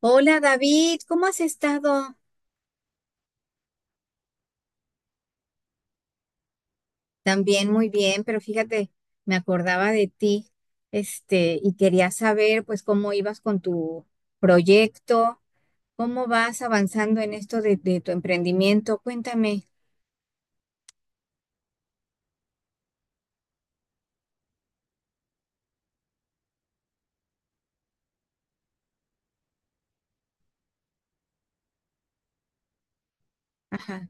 Hola David, ¿cómo has estado? También muy bien, pero fíjate, me acordaba de ti, y quería saber pues cómo ibas con tu proyecto, cómo vas avanzando en esto de tu emprendimiento, cuéntame. Ajá,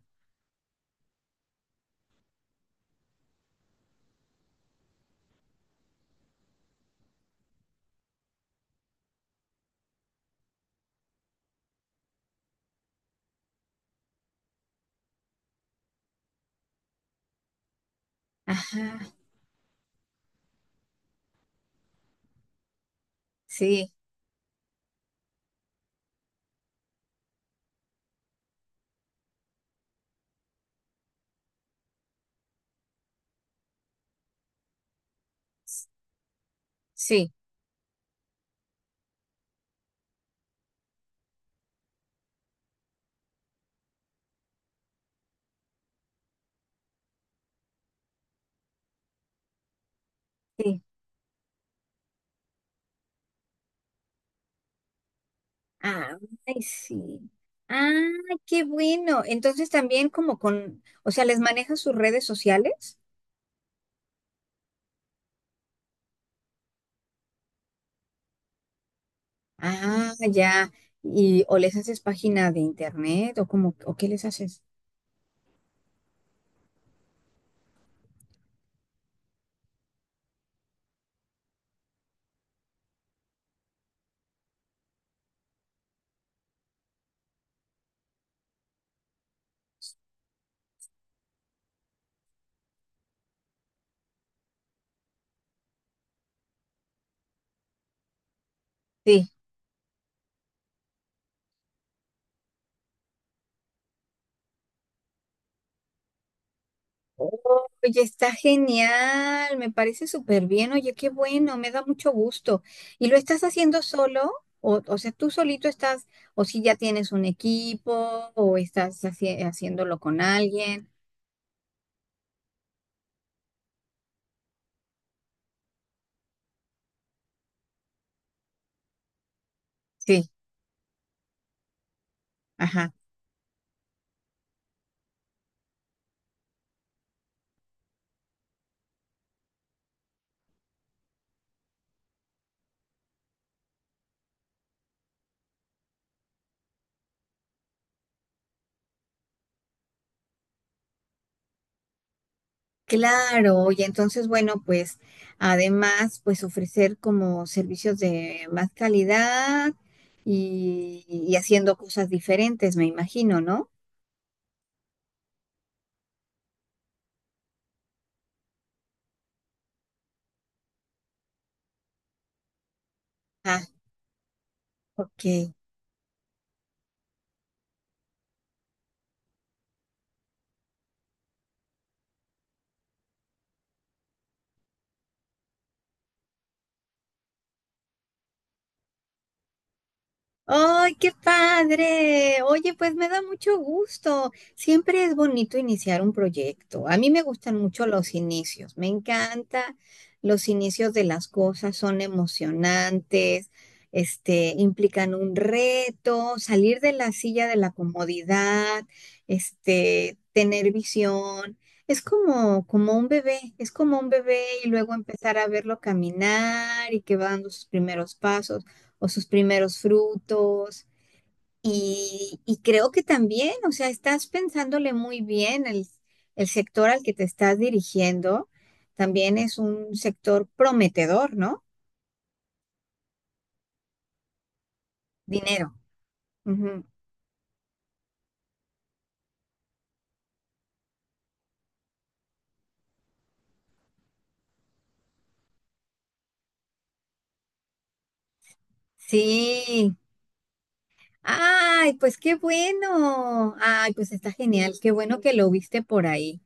ajá, sí, sí, sí. Ah, ay, sí. Ah, qué bueno. Entonces también como con, o sea, ¿les manejas sus redes sociales? Ah, ya. ¿Y o les haces página de internet o cómo, o qué les haces? Sí. Oye, está genial, me parece súper bien. Oye, qué bueno, me da mucho gusto. ¿Y lo estás haciendo solo? O sea, tú solito estás, o si ya tienes un equipo, o estás haciéndolo con alguien. Sí, ajá. Claro, y entonces, bueno, pues además, pues ofrecer como servicios de más calidad y haciendo cosas diferentes, me imagino, ¿no? Ah, ok. ¡Ay, qué padre! Oye, pues me da mucho gusto. Siempre es bonito iniciar un proyecto. A mí me gustan mucho los inicios. Me encanta los inicios de las cosas. Son emocionantes, implican un reto, salir de la silla de la comodidad, tener visión. Es como un bebé, es como un bebé y luego empezar a verlo caminar y que va dando sus primeros pasos o sus primeros frutos. Y creo que también, o sea, estás pensándole muy bien el sector al que te estás dirigiendo. También es un sector prometedor, ¿no? Dinero. Ujú. Sí. Ay, pues qué bueno. Ay, pues está genial. Qué bueno que lo viste por ahí.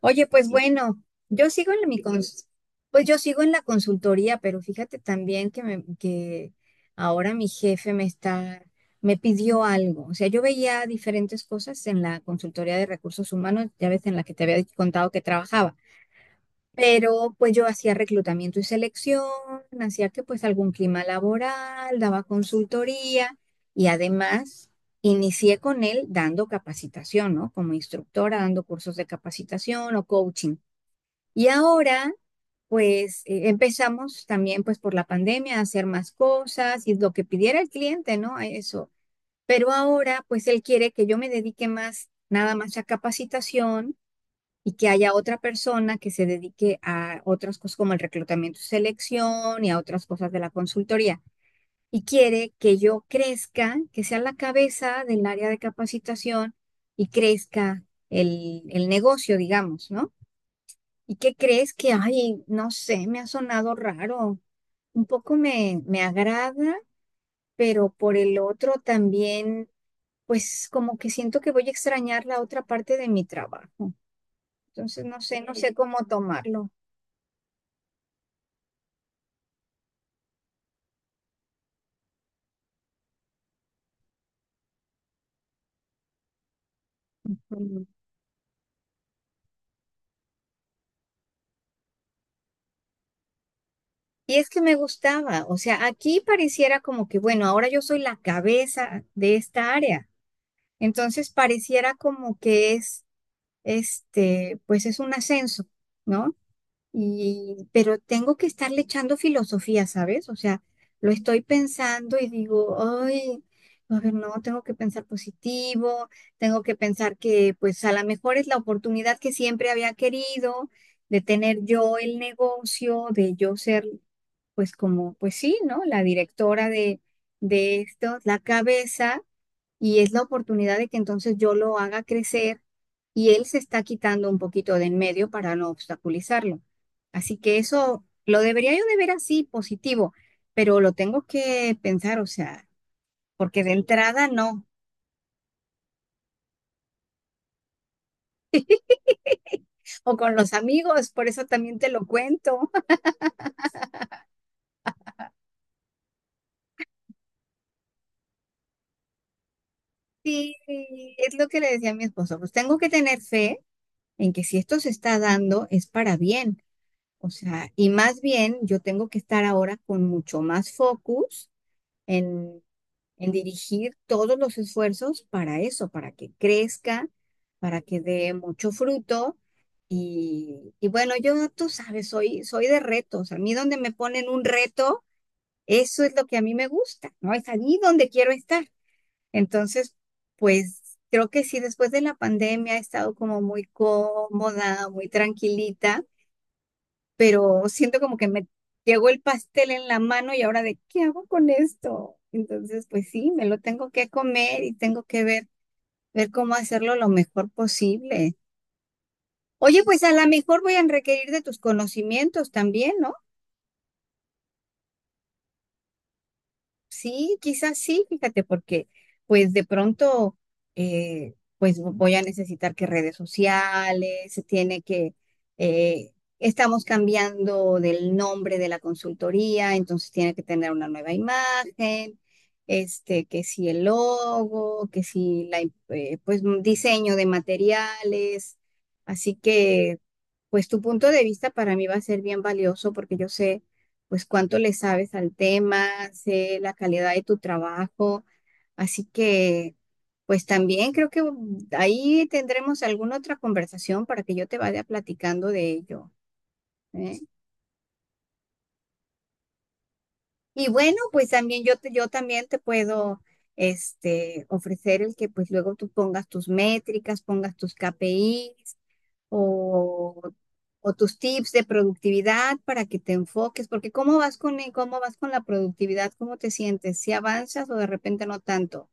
Oye, pues bueno, yo sigo en mi pues yo sigo en la consultoría, pero fíjate también que que ahora mi jefe me está, me pidió algo. O sea, yo veía diferentes cosas en la consultoría de recursos humanos, ya ves en la que te había contado que trabajaba. Pero pues yo hacía reclutamiento y selección, hacía que pues algún clima laboral, daba consultoría y además inicié con él dando capacitación, ¿no? Como instructora, dando cursos de capacitación o coaching. Y ahora, pues empezamos también pues por la pandemia a hacer más cosas y lo que pidiera el cliente, ¿no? A eso. Pero ahora, pues él quiere que yo me dedique más, nada más a capacitación y que haya otra persona que se dedique a otras cosas como el reclutamiento y selección y a otras cosas de la consultoría. Y quiere que yo crezca, que sea la cabeza del área de capacitación y crezca el negocio, digamos, ¿no? ¿Y qué crees que, ay, no sé, me ha sonado raro? Un poco me agrada, pero por el otro también, pues como que siento que voy a extrañar la otra parte de mi trabajo. Entonces, no sé, no sé cómo tomarlo. Mm. Y es que me gustaba, o sea, aquí pareciera como que, bueno, ahora yo soy la cabeza de esta área. Entonces, pareciera como que es, pues es un ascenso, ¿no? Y, pero tengo que estarle echando filosofía, ¿sabes? O sea, lo estoy pensando y digo, ay, a ver, no, tengo que pensar positivo, tengo que pensar que pues a lo mejor es la oportunidad que siempre había querido de tener yo el negocio, de yo ser pues como, pues sí, ¿no? La directora de esto, la cabeza, y es la oportunidad de que entonces yo lo haga crecer y él se está quitando un poquito de en medio para no obstaculizarlo. Así que eso lo debería yo de ver así, positivo, pero lo tengo que pensar, o sea, porque de entrada no, o con los amigos, por eso también te lo cuento. Sí, es lo que le decía a mi esposo, pues tengo que tener fe en que si esto se está dando es para bien. O sea, y más bien yo tengo que estar ahora con mucho más focus en, en dirigir todos los esfuerzos para eso, para que crezca, para que dé mucho fruto. Y bueno, yo, tú sabes, soy, soy de retos. A mí donde me ponen un reto, eso es lo que a mí me gusta, ¿no? Es allí donde quiero estar. Entonces, pues creo que sí, después de la pandemia he estado como muy cómoda, muy tranquilita, pero siento como que me llegó el pastel en la mano y ahora de qué hago con esto. Entonces, pues sí, me lo tengo que comer y tengo que ver, ver cómo hacerlo lo mejor posible. Oye, pues a lo mejor voy a requerir de tus conocimientos también, ¿no? Sí, quizás sí, fíjate, porque pues de pronto pues voy a necesitar que redes sociales, se tiene que, eh, estamos cambiando del nombre de la consultoría, entonces tiene que tener una nueva imagen, que si el logo, que si pues un diseño de materiales, así que pues tu punto de vista para mí va a ser bien valioso porque yo sé pues cuánto le sabes al tema, sé la calidad de tu trabajo. Así que, pues también creo que mm, ahí tendremos alguna otra conversación para que yo te vaya platicando de ello, ¿eh? Y bueno, pues también yo, yo también te puedo ofrecer el que pues luego tú pongas tus métricas, pongas tus KPIs o, o tus tips de productividad para que te enfoques, porque ¿cómo vas con, cómo vas con la productividad? ¿Cómo te sientes? ¿Si avanzas o de repente no tanto?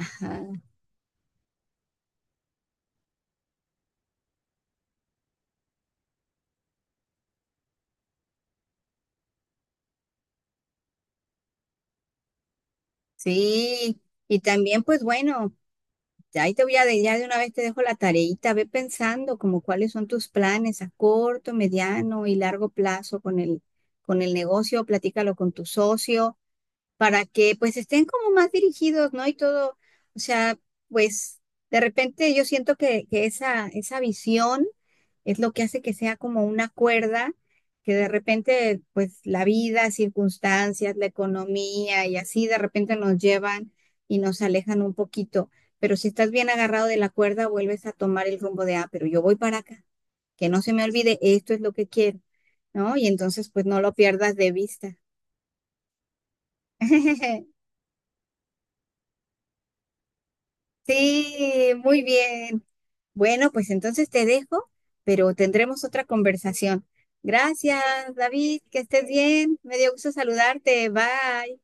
Ah, sí, y también pues bueno, ya ahí te voy ya de una vez te dejo la tareita, ve pensando como cuáles son tus planes a corto, mediano y largo plazo con el negocio, platícalo con tu socio para que pues estén como más dirigidos, ¿no? Y todo, o sea, pues de repente yo siento que esa visión es lo que hace que sea como una cuerda que de repente pues la vida, circunstancias, la economía y así de repente nos llevan y nos alejan un poquito. Pero si estás bien agarrado de la cuerda, vuelves a tomar el rumbo de, ah, pero yo voy para acá, que no se me olvide, esto es lo que quiero, ¿no? Y entonces pues no lo pierdas de vista. Sí, muy bien. Bueno, pues entonces te dejo, pero tendremos otra conversación. Gracias, David, que estés bien. Me dio gusto saludarte. Bye.